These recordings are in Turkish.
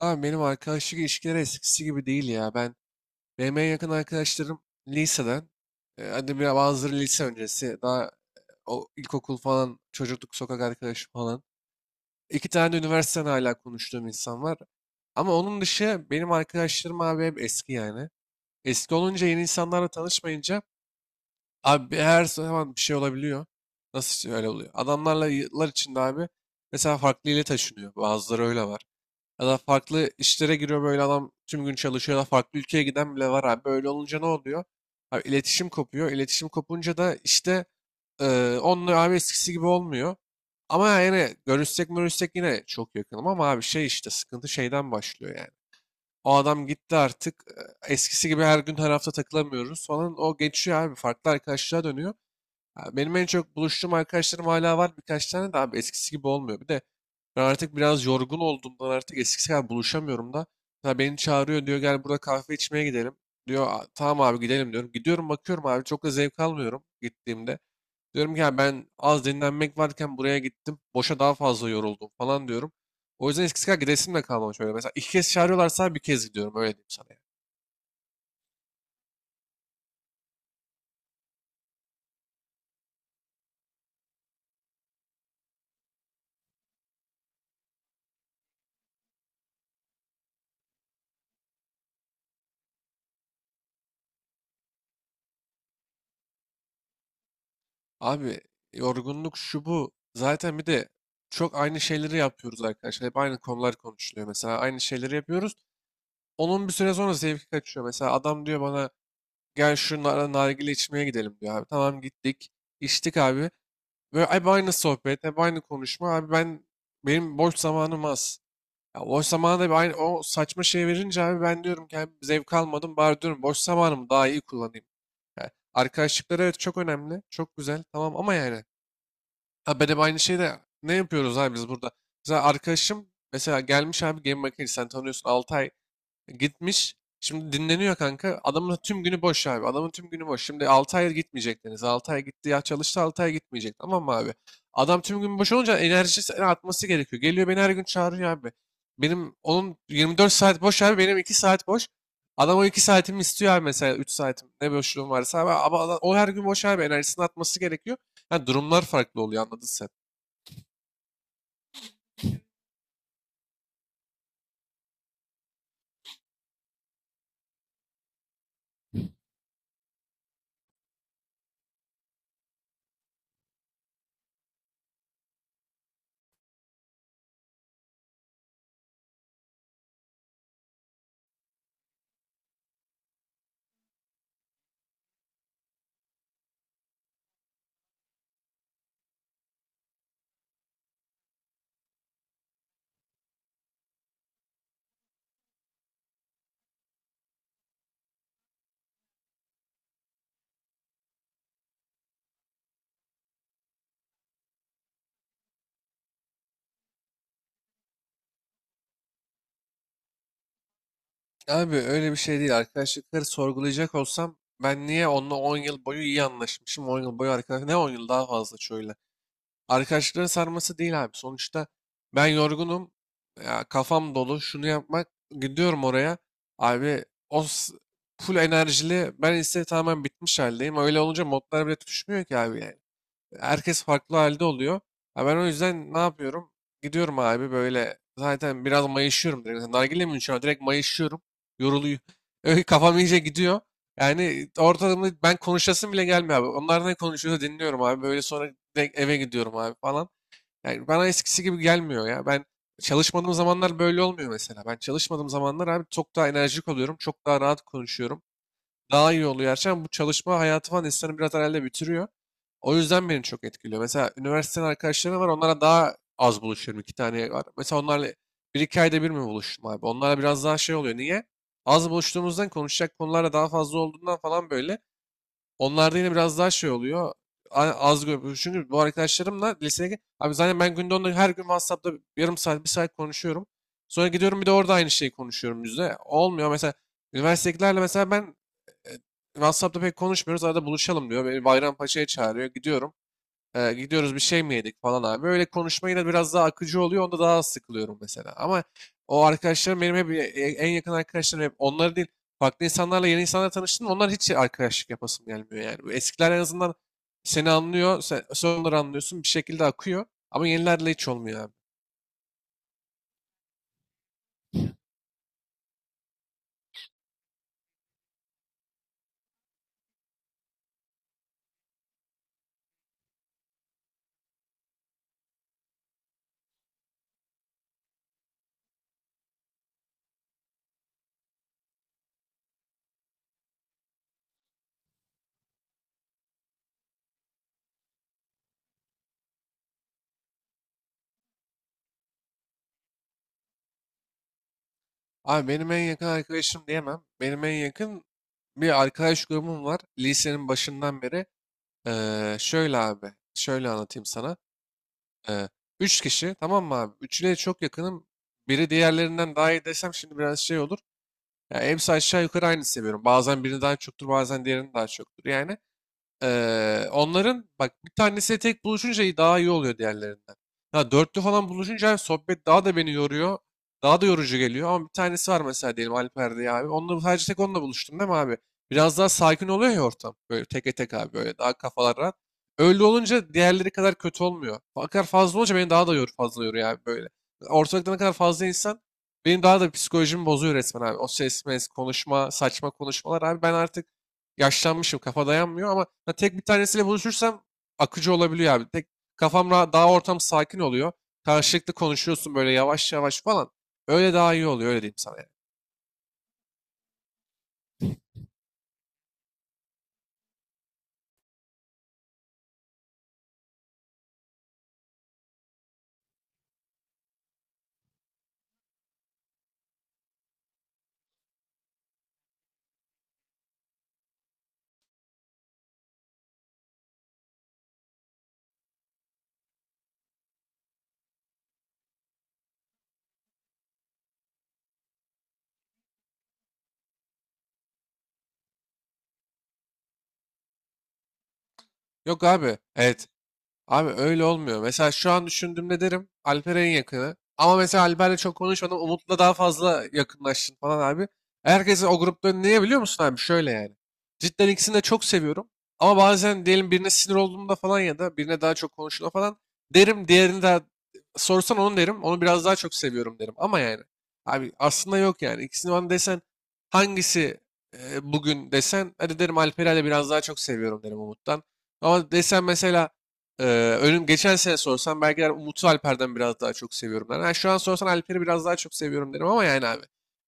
Abi benim arkadaşlık ilişkileri eskisi gibi değil ya. Benim en yakın arkadaşlarım liseden. Hadi bazıları lise öncesi. Daha o ilkokul falan, çocukluk sokak arkadaşı falan. İki tane de üniversiteden hala konuştuğum insan var. Ama onun dışı benim arkadaşlarım abi hep eski yani. Eski olunca yeni insanlarla tanışmayınca abi her zaman bir şey olabiliyor. Nasıl öyle oluyor? Adamlarla yıllar içinde abi mesela farklı ile taşınıyor. Bazıları öyle var. Ya da farklı işlere giriyor, böyle adam tüm gün çalışıyor ya da farklı ülkeye giden bile var abi. Böyle olunca ne oluyor? Abi iletişim kopuyor. İletişim kopunca da işte onunla abi eskisi gibi olmuyor. Ama yani görüşsek görüşsek yine çok yakınım ama abi şey işte sıkıntı şeyden başlıyor yani. O adam gitti artık. Eskisi gibi her gün her hafta takılamıyoruz falan. O geçiyor abi farklı arkadaşlığa dönüyor. Ha, benim en çok buluştuğum arkadaşlarım hala var birkaç tane de abi eskisi gibi olmuyor. Bir de ben artık biraz yorgun olduğumdan artık eskisi kadar buluşamıyorum da. Mesela beni çağırıyor, diyor gel burada kahve içmeye gidelim. Diyor, "Aa, tamam abi gidelim," diyorum. Gidiyorum bakıyorum abi çok da zevk almıyorum gittiğimde. Diyorum ki ya ben az dinlenmek varken buraya gittim. Boşa daha fazla yoruldum falan diyorum. O yüzden eskisi kadar gidesim de kalmamış öyle. Mesela iki kez çağırıyorlarsa bir kez gidiyorum öyle diyeyim sana yani. Abi yorgunluk şu bu. Zaten bir de çok aynı şeyleri yapıyoruz arkadaşlar. Hep aynı konular konuşuluyor mesela. Aynı şeyleri yapıyoruz. Onun bir süre sonra zevki kaçıyor. Mesela adam diyor bana gel şu nargile içmeye gidelim diyor abi. Tamam gittik. İçtik abi. Böyle hep aynı sohbet, hep aynı konuşma. Abi benim boş zamanım az. Ya boş zamanı da bir aynı o saçma şey verince abi ben diyorum ki abi zevk almadım. Bari diyorum boş zamanımı daha iyi kullanayım. Yani arkadaşlıklar evet çok önemli. Çok güzel. Tamam ama yani. Ha ben hep aynı şeyi de ne yapıyoruz abi biz burada? Mesela arkadaşım mesela gelmiş abi game makinesi sen tanıyorsun, 6 ay gitmiş. Şimdi dinleniyor kanka. Adamın tüm günü boş abi. Adamın tüm günü boş. Şimdi 6 ay gitmeyecek Deniz. Ay gitti ya, çalıştı, 6 ay gitmeyecek. Tamam mı abi? Adam tüm gün boş olunca enerjisi atması gerekiyor. Geliyor beni her gün çağırıyor abi. Benim onun 24 saat boş abi. Benim 2 saat boş. Adam o 2 saatimi istiyor abi, mesela 3 saatim. Ne boşluğum varsa abi. Ama o her gün boş abi. Enerjisini atması gerekiyor. Yani durumlar farklı oluyor anladın sen. Abi öyle bir şey değil. Arkadaşlıkları sorgulayacak olsam ben niye onunla 10 yıl boyu iyi anlaşmışım? 10 yıl boyu arkadaş ne 10 yıl daha fazla şöyle. Arkadaşlıkların sarması değil abi. Sonuçta ben yorgunum. Ya kafam dolu. Şunu yapmak gidiyorum oraya. Abi o full enerjili. Ben ise tamamen bitmiş haldeyim. Öyle olunca modlar bile tutuşmuyor ki abi yani. Herkes farklı halde oluyor. Ha ben o yüzden ne yapıyorum? Gidiyorum abi böyle zaten biraz mayışıyorum direkt. Mesela nargile mi içiyorum? Direkt mayışıyorum. Yoruluyor. Öyle kafam iyice gidiyor. Yani ortalama ben konuşasım bile gelmiyor abi. Onlar ne konuşuyorsa dinliyorum abi. Böyle sonra direkt eve gidiyorum abi falan. Yani bana eskisi gibi gelmiyor ya. Ben çalışmadığım zamanlar böyle olmuyor mesela. Ben çalışmadığım zamanlar abi çok daha enerjik oluyorum. Çok daha rahat konuşuyorum. Daha iyi oluyor gerçekten. Bu çalışma hayatı falan insanı biraz herhalde bitiriyor. O yüzden beni çok etkiliyor. Mesela üniversiteden arkadaşlarım var. Onlara daha az buluşuyorum. İki tane var. Mesela onlarla bir iki ayda bir mi buluştum abi? Onlarla biraz daha şey oluyor. Niye? Az buluştuğumuzdan konuşacak konular da daha fazla olduğundan falan böyle. Onlarda yine biraz daha şey oluyor. Çünkü bu arkadaşlarımla lisedeki... Abi zaten ben günde onunla her gün WhatsApp'ta yarım saat, 1 saat konuşuyorum. Sonra gidiyorum bir de orada aynı şeyi konuşuyorum yüzde. Olmuyor. Mesela üniversitedekilerle mesela ben WhatsApp'ta pek konuşmuyoruz. Arada buluşalım diyor. Beni Bayrampaşa'ya çağırıyor. Gidiyorum. Gidiyoruz bir şey mi yedik falan abi. Öyle konuşma yine biraz daha akıcı oluyor. Onda daha az sıkılıyorum mesela. Ama o arkadaşlarım benim hep en yakın arkadaşlarım hep onları değil. Farklı insanlarla yeni insanlarla tanıştım. Onlar hiç arkadaşlık yapasım gelmiyor yani. Bu eskiler en azından seni anlıyor. Sen onları anlıyorsun. Bir şekilde akıyor. Ama yenilerle hiç olmuyor abi. Abi benim en yakın arkadaşım diyemem. Benim en yakın bir arkadaş grubum var. Lisenin başından beri. Şöyle abi, şöyle anlatayım sana. Ee, üç kişi, tamam mı abi? Üçüne çok yakınım. Biri diğerlerinden daha iyi desem şimdi biraz şey olur. Ya hepsi aşağı yukarı aynı seviyorum. Bazen birini daha çoktur, bazen diğerini daha çoktur yani. Onların bak bir tanesi tek buluşunca daha iyi oluyor diğerlerinden. Ha, dörtlü falan buluşunca sohbet daha da beni yoruyor. Daha da yorucu geliyor ama bir tanesi var mesela diyelim Alper diye abi. Onunla sadece tek onunla buluştun değil mi abi? Biraz daha sakin oluyor ya ortam. Böyle teke tek abi böyle daha kafalar rahat. Öyle olunca diğerleri kadar kötü olmuyor. Fakat fazla olunca beni daha da fazla yoruyor abi böyle. Ortalıkta ne kadar fazla insan benim daha da psikolojimi bozuyor resmen abi. O ses, konuşma, saçma konuşmalar abi. Ben artık yaşlanmışım kafa dayanmıyor ama ha, tek bir tanesiyle buluşursam akıcı olabiliyor abi. Tek kafam rahat, daha ortam sakin oluyor. Karşılıklı konuşuyorsun böyle yavaş yavaş falan. Öyle daha iyi oluyor öyle diyeyim sana yani. Yok abi, evet. Abi öyle olmuyor. Mesela şu an düşündüğümde derim Alper en yakını. Ama mesela Alper'le çok konuşmadım. Umut'la daha fazla yakınlaştın falan abi. Herkesi o grupta niye biliyor musun abi? Şöyle yani. Cidden ikisini de çok seviyorum. Ama bazen diyelim birine sinir olduğumda falan ya da birine daha çok konuştuğumda falan derim. Diğerini de sorsan onu derim. Onu biraz daha çok seviyorum derim. Ama yani abi aslında yok yani. İkisini bana desen hangisi bugün desen hadi derim Alper'i de biraz daha çok seviyorum derim Umut'tan. Ama desen mesela ee, önüm geçen sene sorsan belki der Umut'u Alper'den biraz daha çok seviyorum der. Ha, şu an sorsan Alper'i biraz daha çok seviyorum derim ama yani abi.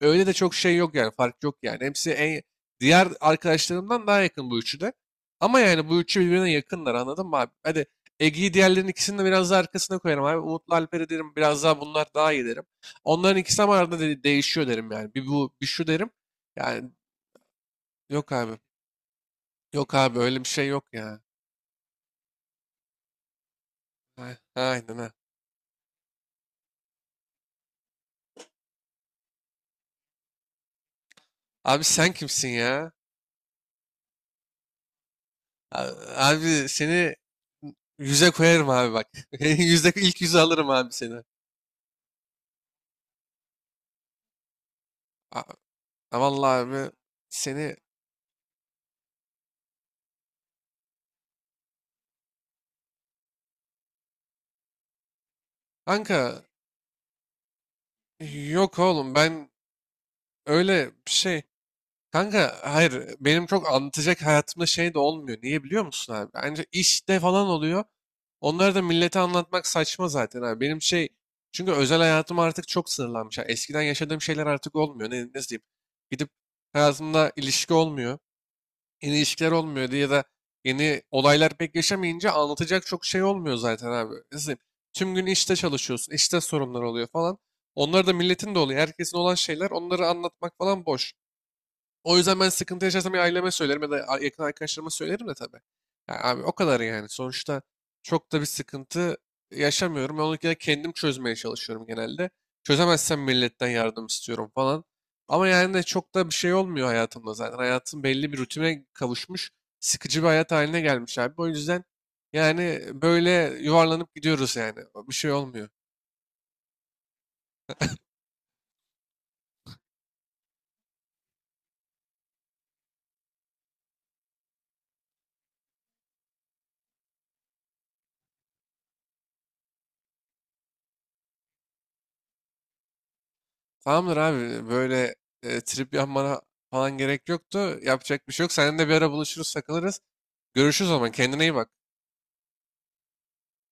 Öyle de çok şey yok yani, fark yok yani. Hepsi en diğer arkadaşlarımdan daha yakın bu üçü de. Ama yani bu üçü birbirine yakınlar anladın mı abi? Hadi Ege'yi diğerlerinin ikisini de biraz daha arkasına koyarım abi. Umut'la Alper'i derim biraz daha bunlar daha iyi derim. Onların ikisi ama arada değişiyor derim yani. Bir bu bir şu derim. Yani yok abi. Yok abi öyle bir şey yok ya. Aynen ha. Abi sen kimsin ya? Abi seni yüze koyarım abi bak. Yüzde ilk yüze alırım abi seni. A- a Vallahi abi seni, kanka yok oğlum ben öyle bir şey. Kanka hayır benim çok anlatacak hayatımda şey de olmuyor. Niye biliyor musun abi? Bence işte falan oluyor. Onları da millete anlatmak saçma zaten abi. Benim şey çünkü özel hayatım artık çok sınırlanmış. Yani eskiden yaşadığım şeyler artık olmuyor. Nasıl diyeyim? Gidip hayatımda ilişki olmuyor. Yeni ilişkiler olmuyor diye ya da yeni olaylar pek yaşamayınca anlatacak çok şey olmuyor zaten abi. Tüm gün işte çalışıyorsun, işte sorunlar oluyor falan. Onlar da milletin de oluyor. Herkesin olan şeyler onları anlatmak falan boş. O yüzden ben sıkıntı yaşarsam ya aileme söylerim ya da yakın arkadaşlarıma söylerim de tabii. Ya abi o kadar yani. Sonuçta çok da bir sıkıntı yaşamıyorum. Ben onu gene kendim çözmeye çalışıyorum genelde. Çözemezsem milletten yardım istiyorum falan. Ama yani de çok da bir şey olmuyor hayatımda zaten. Hayatım belli bir rutine kavuşmuş. Sıkıcı bir hayat haline gelmiş abi. O yüzden yani böyle yuvarlanıp gidiyoruz yani. Bir şey olmuyor. Tamamdır abi böyle trip yapmana falan gerek yoktu. Yapacak bir şey yok. Seninle de bir ara buluşuruz, takılırız. Görüşürüz o zaman. Kendine iyi bak.